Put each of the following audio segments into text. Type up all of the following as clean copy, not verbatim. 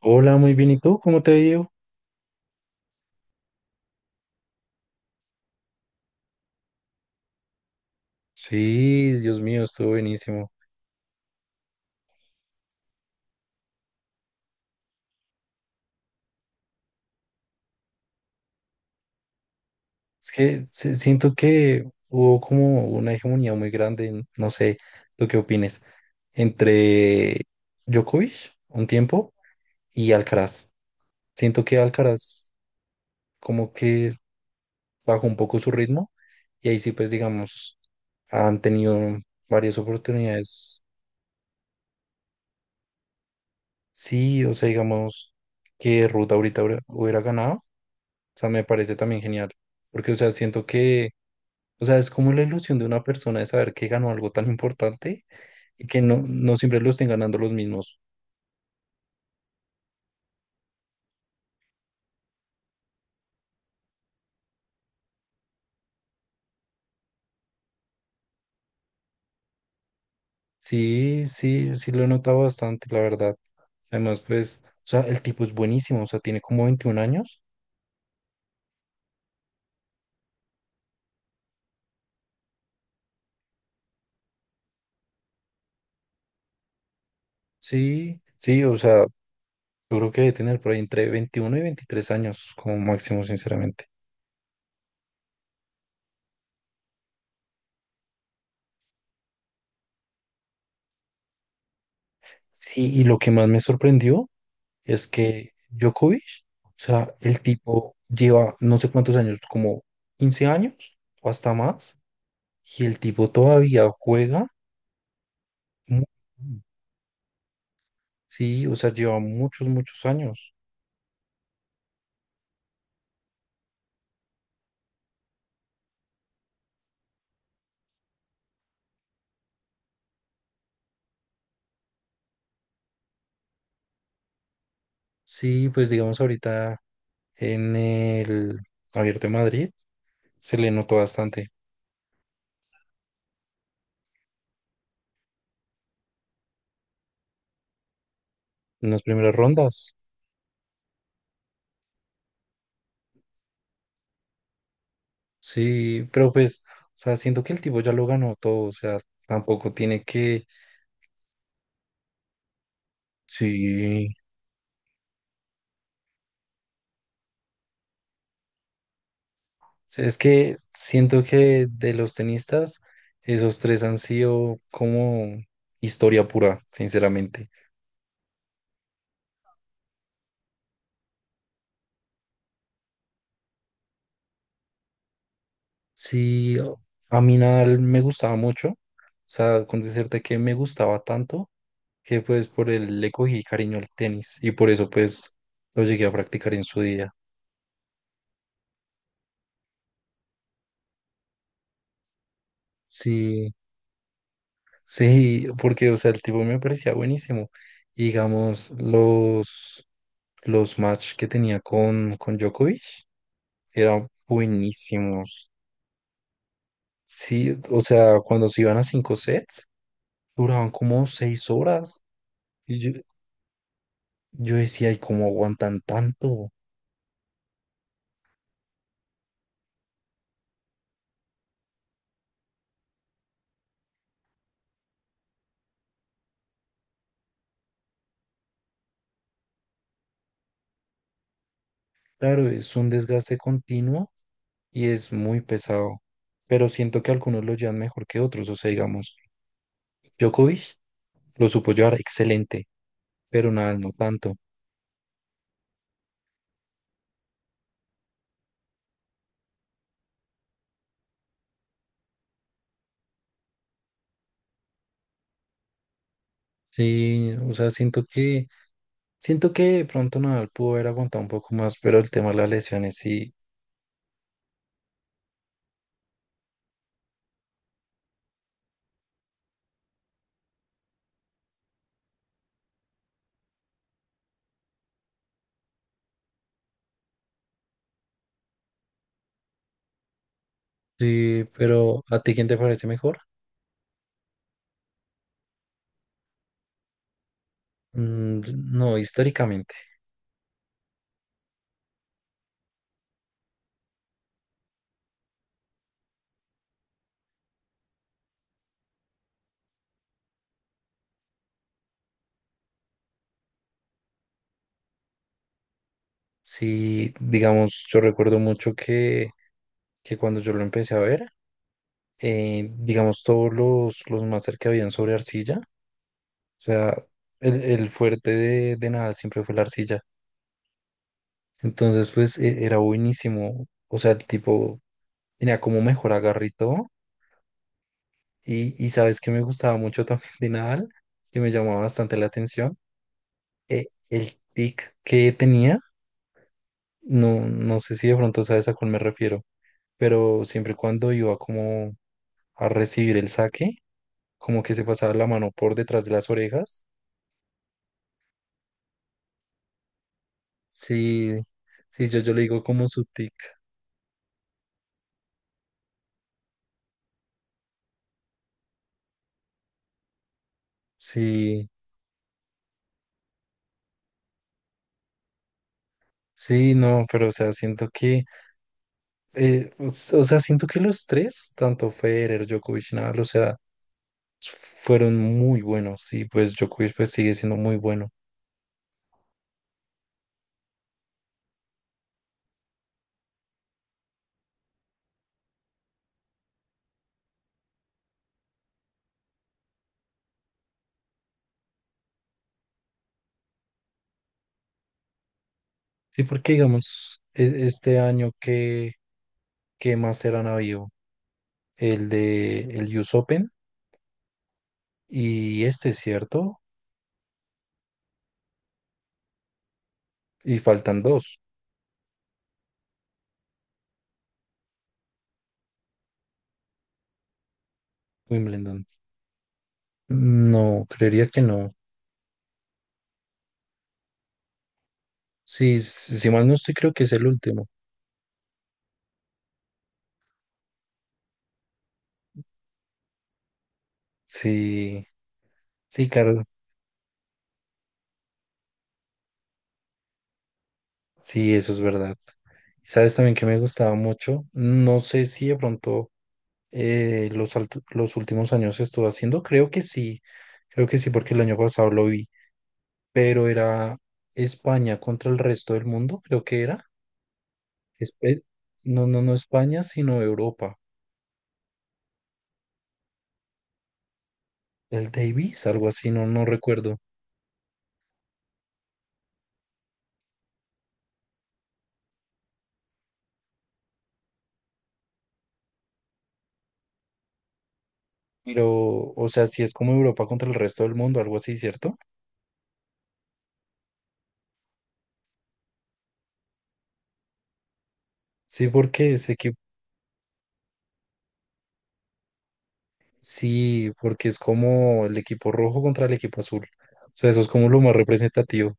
Hola, muy bien. ¿Y tú? ¿Cómo te ha ido? Sí, Dios mío, estuvo buenísimo. Es que siento que hubo como una hegemonía muy grande, no sé, ¿tú qué opines? Entre Djokovic, un tiempo, y Alcaraz. Siento que Alcaraz como que bajó un poco su ritmo y ahí sí, pues digamos, han tenido varias oportunidades. Sí, o sea, digamos que Ruta ahorita hubiera ganado. O sea, me parece también genial. Porque, o sea, siento que o sea, es como la ilusión de una persona de saber que ganó algo tan importante y que no, no siempre lo estén ganando los mismos. Sí, sí, sí lo he notado bastante, la verdad. Además, pues, o sea, el tipo es buenísimo, o sea, tiene como 21 años. Sí, sí, o sea, yo creo que debe tener por ahí entre 21 y 23 años como máximo, sinceramente. Sí, y lo que más me sorprendió es que Djokovic, o sea, el tipo lleva no sé cuántos años, como 15 años o hasta más. Y el tipo todavía juega muy bien. Sí, o sea, lleva muchos, muchos años. Sí, pues digamos ahorita en el Abierto de Madrid se le notó bastante en las primeras rondas. Sí, pero pues, o sea, siento que el tipo ya lo ganó todo, o sea, tampoco tiene que. Sí, sí, es que siento que de los tenistas, esos tres han sido como historia pura, sinceramente. Sí, a mí Nadal me gustaba mucho, o sea, con decirte que me gustaba tanto que pues por él le cogí cariño al tenis y por eso pues lo llegué a practicar en su día. Sí, sí, porque o sea, el tipo me parecía buenísimo. Y, digamos, los match que tenía con Djokovic eran buenísimos. Sí, o sea, cuando se iban a 5 sets, duraban como 6 horas. Y yo decía, ¿y cómo aguantan tanto? Claro, es un desgaste continuo y es muy pesado, pero siento que algunos lo llevan mejor que otros. O sea, digamos, Djokovic lo supo llevar excelente, pero Nadal no tanto. Sí, o sea, siento que de pronto Nadal pudo haber aguantado un poco más, pero el tema de las lesiones sí. Sí, pero ¿a ti quién te parece mejor? Mm, no, históricamente. Sí, digamos, yo recuerdo mucho que cuando yo lo empecé a ver, digamos, todos los máster que habían sobre arcilla. O sea, el fuerte de Nadal siempre fue la arcilla. Entonces, pues era buenísimo. O sea, el tipo tenía como mejor agarre y todo. Y sabes que me gustaba mucho también de Nadal, que me llamaba bastante la atención. El tic que tenía, no, no sé si de pronto sabes a cuál me refiero, pero siempre cuando iba como a recibir el saque, como que se pasaba la mano por detrás de las orejas. Sí, sí, yo le digo como su tic. Sí. Sí, no, pero o sea, siento que, o sea, siento que los tres, tanto Federer, Djokovic, Nadal, o sea, fueron muy buenos y pues Djokovic pues sigue siendo muy bueno. Sí, porque digamos, este año que, qué más eran habido, el de el US Open y este, ¿cierto? Y faltan dos, Wimbledon. No, creería que no. Sí, si mal no estoy, creo que es el último. Sí, sí, claro. Sí, eso es verdad. ¿Sabes también que me gustaba mucho? No sé si de pronto los, los últimos años estuvo haciendo, creo que sí, porque el año pasado lo vi, pero era España contra el resto del mundo, creo que era. Es- eh, no, no, no España, sino Europa. El Davis, algo así, no, no recuerdo. Pero, o sea, sí es como Europa contra el resto del mundo, algo así, ¿cierto? Sí, porque sé que. Sí, porque es como el equipo rojo contra el equipo azul. O sea, eso es como lo más representativo.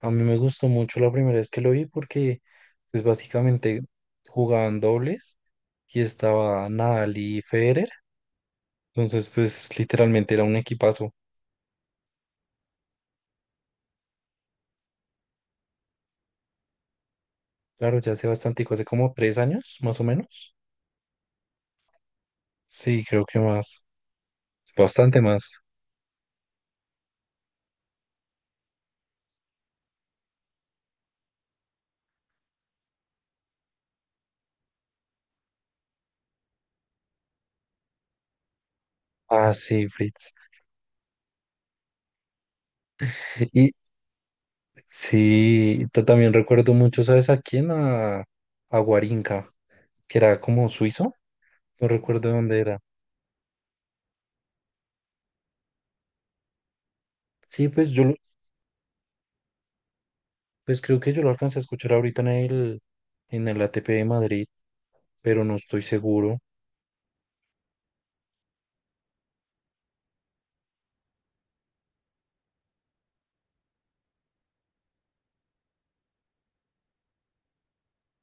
A mí me gustó mucho la primera vez que lo vi porque, pues básicamente jugaban dobles y estaba Nadal y Federer. Entonces, pues literalmente era un equipazo. Claro, ya hace bastante, hace como 3 años, más o menos. Sí, creo que más. Bastante más. Ah, sí, Fritz. Y sí, también recuerdo mucho, ¿sabes a quién? A Guarinca, que era como suizo. No recuerdo dónde era. Sí, pues creo que yo lo alcancé a escuchar ahorita en el, ATP de Madrid, pero no estoy seguro.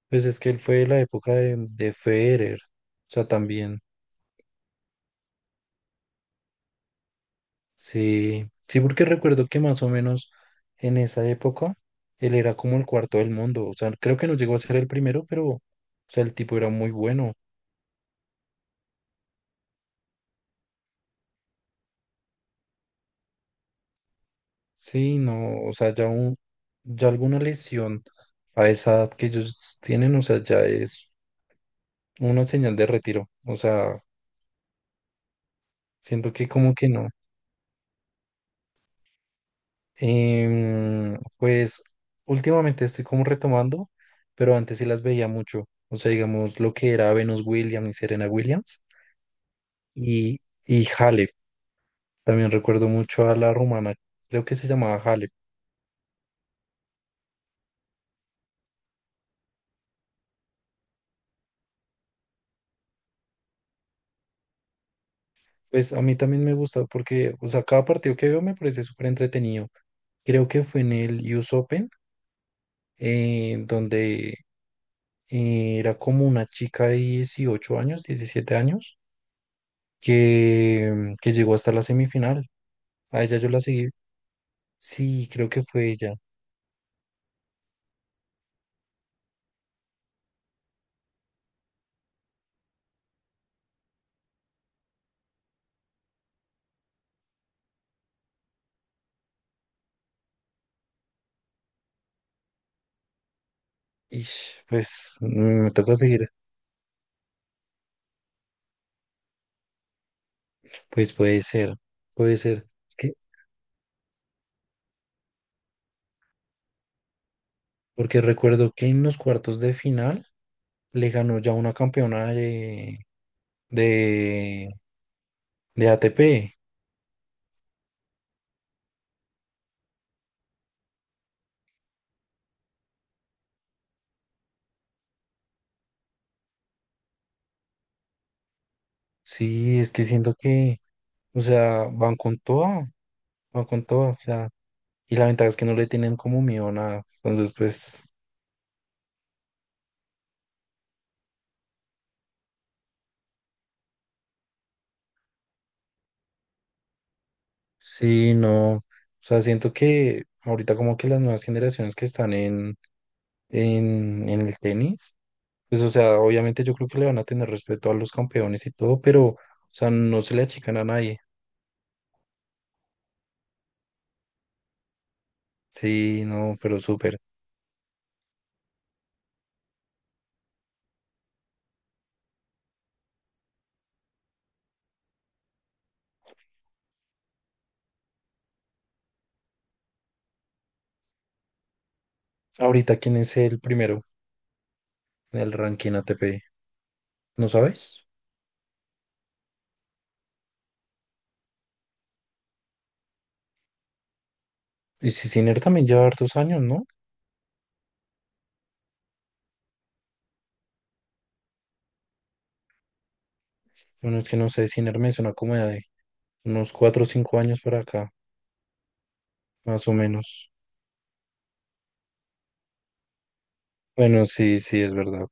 Pues es que él fue de la época de Federer, o sea, también. Sí, sí, porque recuerdo que más o menos en esa época él era como el cuarto del mundo, o sea, creo que no llegó a ser el primero, pero, o sea, el tipo era muy bueno. Sí, no, o sea, ya alguna lesión a esa edad que ellos tienen, o sea, ya es una señal de retiro. O sea, siento que como que no. Pues últimamente estoy como retomando, pero antes sí las veía mucho. O sea, digamos lo que era Venus Williams y Serena Williams y, y Halep. También recuerdo mucho a la rumana, creo que se llamaba Halep. Pues a mí también me gusta porque, o sea, cada partido que veo me parece súper entretenido. Creo que fue en el US Open, donde era como una chica de 18 años, 17 años que llegó hasta la semifinal. A ella yo la seguí. Sí, creo que fue ella. Y pues me toca seguir. Pues puede ser, puede ser. Es que, porque recuerdo que en los cuartos de final le ganó ya una campeona de, de ATP. Sí, es que siento que, o sea, van con toda, van con toda. O sea, y la ventaja es que no le tienen como miedo a nada. Entonces, pues. Sí, no. O sea, siento que ahorita como que las nuevas generaciones que están en el tenis, pues o sea, obviamente yo creo que le van a tener respeto a los campeones y todo, pero o sea, no se le achican a nadie. Sí, no, pero súper. Ahorita, ¿quién es el primero del ranking ATP? ¿No sabes? Y si Sinner también lleva hartos años, ¿no? Bueno, es que no sé, Sinner me suena como de unos 4 o 5 años para acá, más o menos. Bueno, sí, sí, es verdad.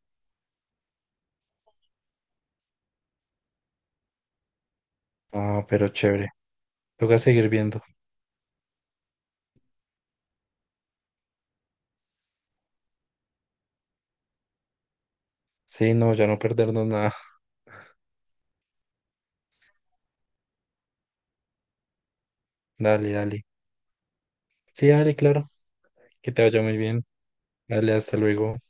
Ah, pero chévere. Toca seguir viendo. Sí, no, ya no perdernos nada. Dale, dale. Sí, dale, claro. Que te vaya muy bien. Dale, hasta luego.